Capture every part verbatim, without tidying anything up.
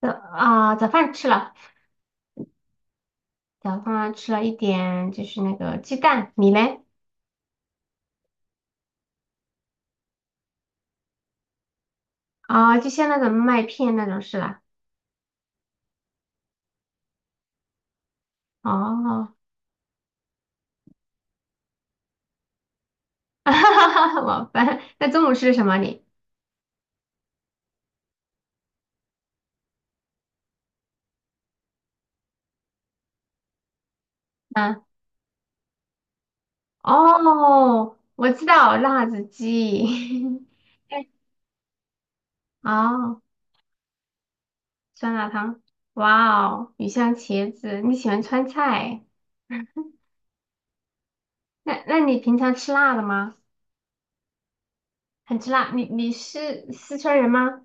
早啊、早饭吃了，早饭吃了一点，就是那个鸡蛋。你嘞？啊、就像那种麦片那种是吧？哦，哈哈哈，晚饭。那中午吃的什么你？啊，哦，我知道辣子鸡。哦，酸辣汤。哇哦，鱼香茄子。你喜欢川菜？那那你平常吃辣的吗？很吃辣。你你是四川人吗？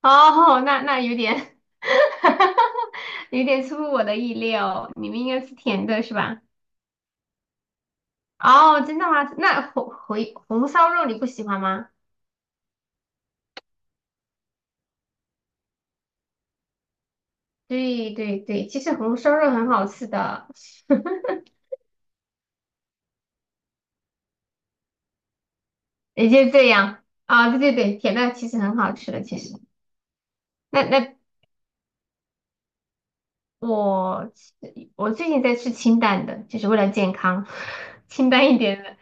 哦，那那有点 有点出乎我的意料，你们应该吃甜的是吧？哦，真的吗？那红回红烧肉你不喜欢吗？对对对，其实红烧肉很好吃的。也就这样啊，对对对，甜的其实很好吃的，其实。那那我吃我最近在吃清淡的，就是为了健康。清淡一点的，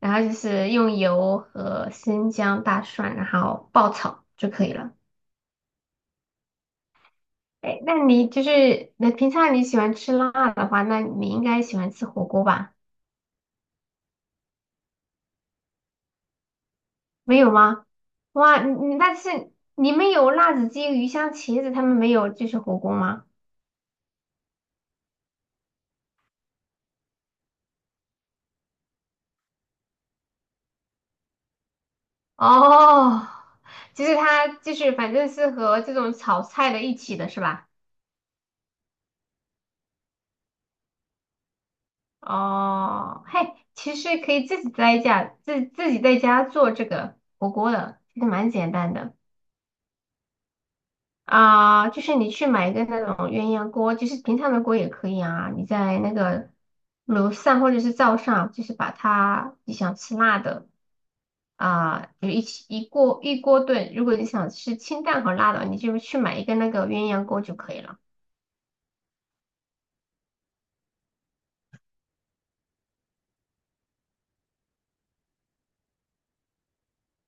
然后就是用油和生姜、大蒜，然后爆炒就可以了。哎，那你就是那平常你喜欢吃辣的话，那你应该喜欢吃火锅吧？没有吗？哇，你你但是你们有辣子鸡、鱼香茄子，他们没有就是火锅吗？哦，就是它就是反正是和这种炒菜的一起的是吧？哦，嘿，其实可以自己在家自自己在家做这个火锅的，其实蛮简单的。啊，就是你去买一个那种鸳鸯锅，就是平常的锅也可以啊。你在那个楼上或者是灶上，就是把它你想吃辣的啊，就一起一锅一锅炖。如果你想吃清淡和辣的，你就去买一个那个鸳鸯锅就可以了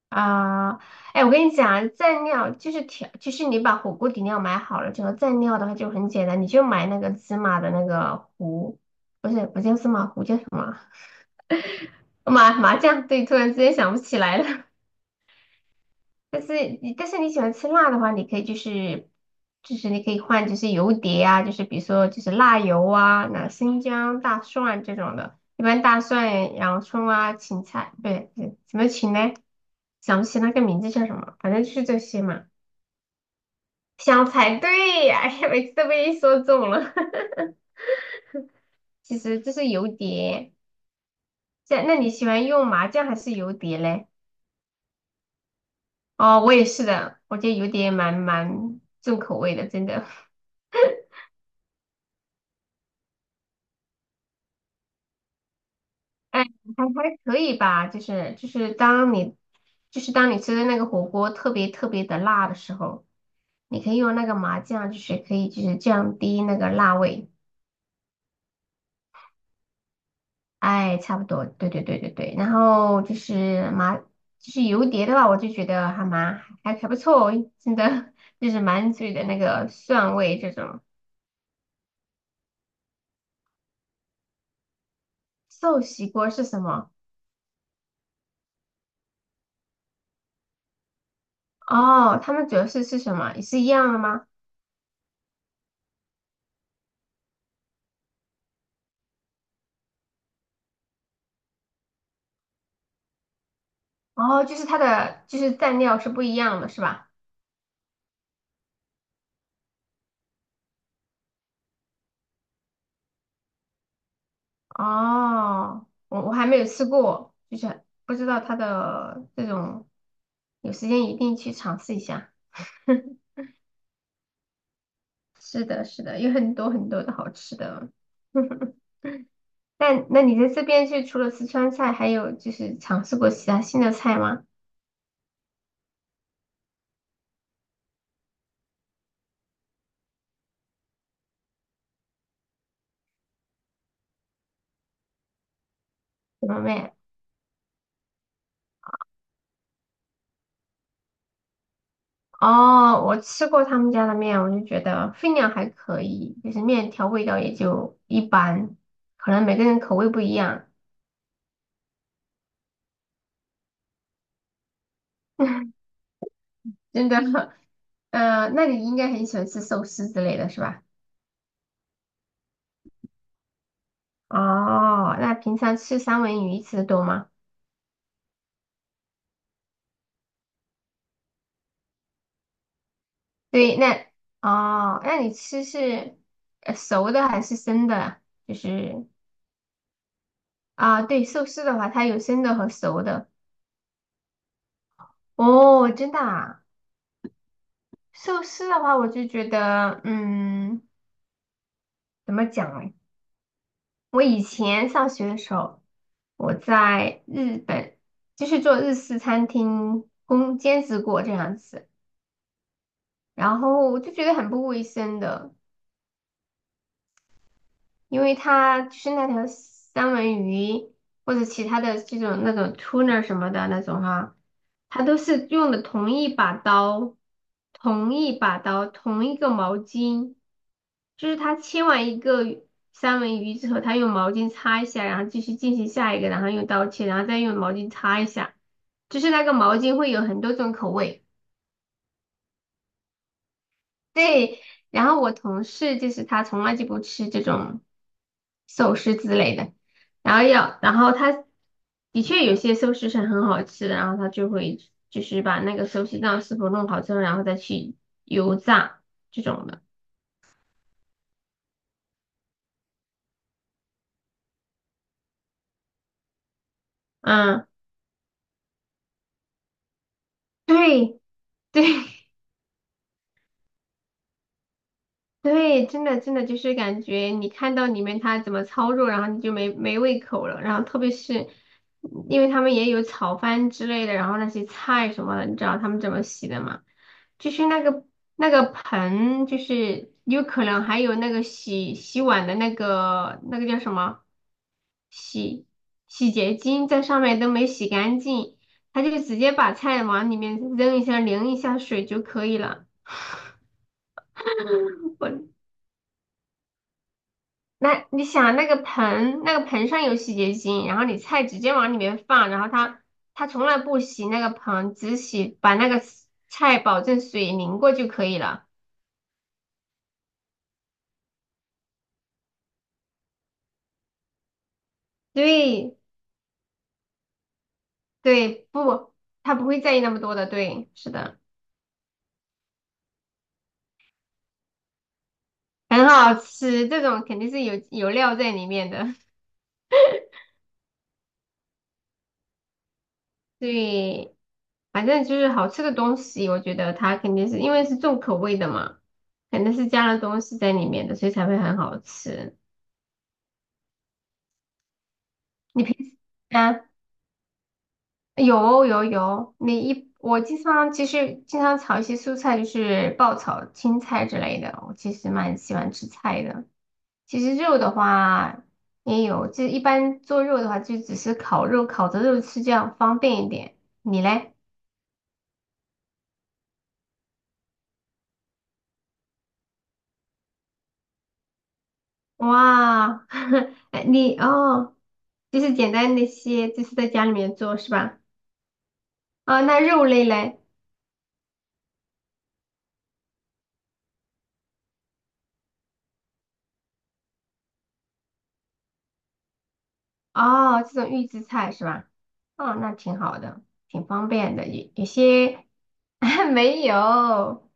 啊。哎，我跟你讲，蘸料就是调，就是你把火锅底料买好了之后，蘸料的话就很简单，你就买那个芝麻的那个糊，不是不叫芝麻糊，叫什么？麻麻酱？对，突然之间想不起来了。但是你但是你喜欢吃辣的话，你可以就是就是你可以换就是油碟啊，就是比如说就是辣油啊，那生姜、大蒜这种的。一般大蒜、洋葱啊、芹菜，对，对，什么芹呢？想不起那个名字叫什么，反正就是这些嘛。香菜，对呀，哎呀，每次都被你说中了。其实这是油碟，这那你喜欢用麻酱还是油碟嘞？哦，我也是的，我觉得油碟蛮蛮重口味的，真的。哎，还还可以吧，就是就是当你就是当你吃的那个火锅特别特别的辣的时候，你可以用那个麻酱，就是可以就是降低那个辣味。哎，差不多，对对对对对。然后就是麻就是油碟的话，我就觉得还蛮还还不错，真的 就是满嘴的那个蒜味这种。寿喜锅是什么？哦，他们主要是是什么？也是一样的吗？哦，就是它的就是蘸料是不一样的，是吧？哦，我我还没有吃过，就是不知道它的这种，有时间一定去尝试一下。是的，是的，有很多很多的好吃的。那那你在这边是除了四川菜，还有就是尝试过其他新的菜吗？什么面？哦，我吃过他们家的面，我就觉得分量还可以，就是面条味道也就一般，可能每个人口味不一样。真的。嗯，那你应该很喜欢吃寿司之类的是吧？哦，那平常吃三文鱼吃的多吗？对，那哦，那你吃是呃熟的还是生的啊？就是啊，对，寿司的话，它有生的和熟的。哦，真的啊，寿司的话，我就觉得，嗯，怎么讲呢？我以前上学的时候，我在日本就是做日式餐厅工兼职过这样子。然后我就觉得很不卫生的，因为它就是那条三文鱼或者其他的这种那种 tuna 什么的那种哈，它都是用的同一把刀、同一把刀、同一个毛巾，就是它切完一个鱼三文鱼之后，它用毛巾擦一下，然后继续进行下一个，然后用刀切，然后再用毛巾擦一下，就是那个毛巾会有很多种口味。对，然后我同事就是他从来就不吃这种寿司之类的，然后要，然后他的确有些寿司是很好吃的，然后他就会就是把那个寿司酱师傅弄好之后，然后再去油炸这种的。嗯，对对，对，真的真的就是感觉你看到里面它怎么操作，然后你就没没胃口了。然后特别是因为他们也有炒饭之类的，然后那些菜什么的，你知道他们怎么洗的吗？就是那个那个盆，就是有可能还有那个洗洗碗的那个那个叫什么洗洗洁精在上面都没洗干净，他就直接把菜往里面扔一下，淋一下水就可以了。那你想那个盆，那个盆，上有洗洁精，然后你菜直接往里面放，然后它它从来不洗那个盆，只洗把那个 s- 菜保证水淋过就可以了。对对，不，它不会在意那么多的。对，是的，很好吃，这种肯定是有有料在里面的。对，反正就是好吃的东西，我觉得它肯定是因为是重口味的嘛，肯定是加了东西在里面的，所以才会很好吃。你平时啊？有有有，你一我经常其实经常炒一些蔬菜，就是爆炒青菜之类的。我其实蛮喜欢吃菜的。其实肉的话也有，就一般做肉的话就只是烤肉，烤着肉吃，这样方便一点。你嘞？哇，哎你哦，就是简单那些，就是在家里面做是吧？啊，那肉类嘞？哦，这种预制菜是吧？哦，那挺好的，挺方便的。有有些 没有，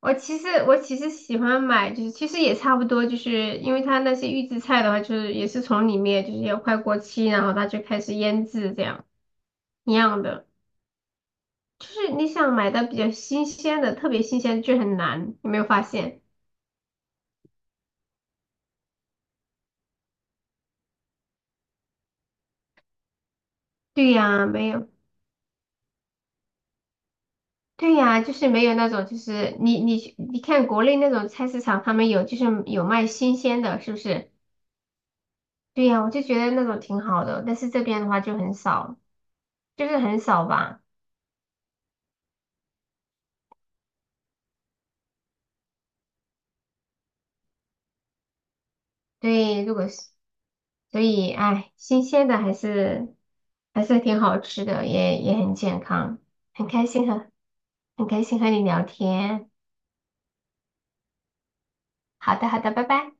我其实我其实喜欢买，就是其实也差不多，就是因为它那些预制菜的话，就是也是从里面就是要快过期，然后它就开始腌制这样一样的。就是你想买的比较新鲜的，特别新鲜就很难，有没有发现？对呀，没有，对呀，就是没有那种，就是你你去你看国内那种菜市场，他们有就是有卖新鲜的，是不是？对呀，我就觉得那种挺好的，但是这边的话就很少，就是很少吧。对，如果是，所以，哎，新鲜的还是还是挺好吃的，也也很健康，很开心和很开心和你聊天。好的，好的，拜拜。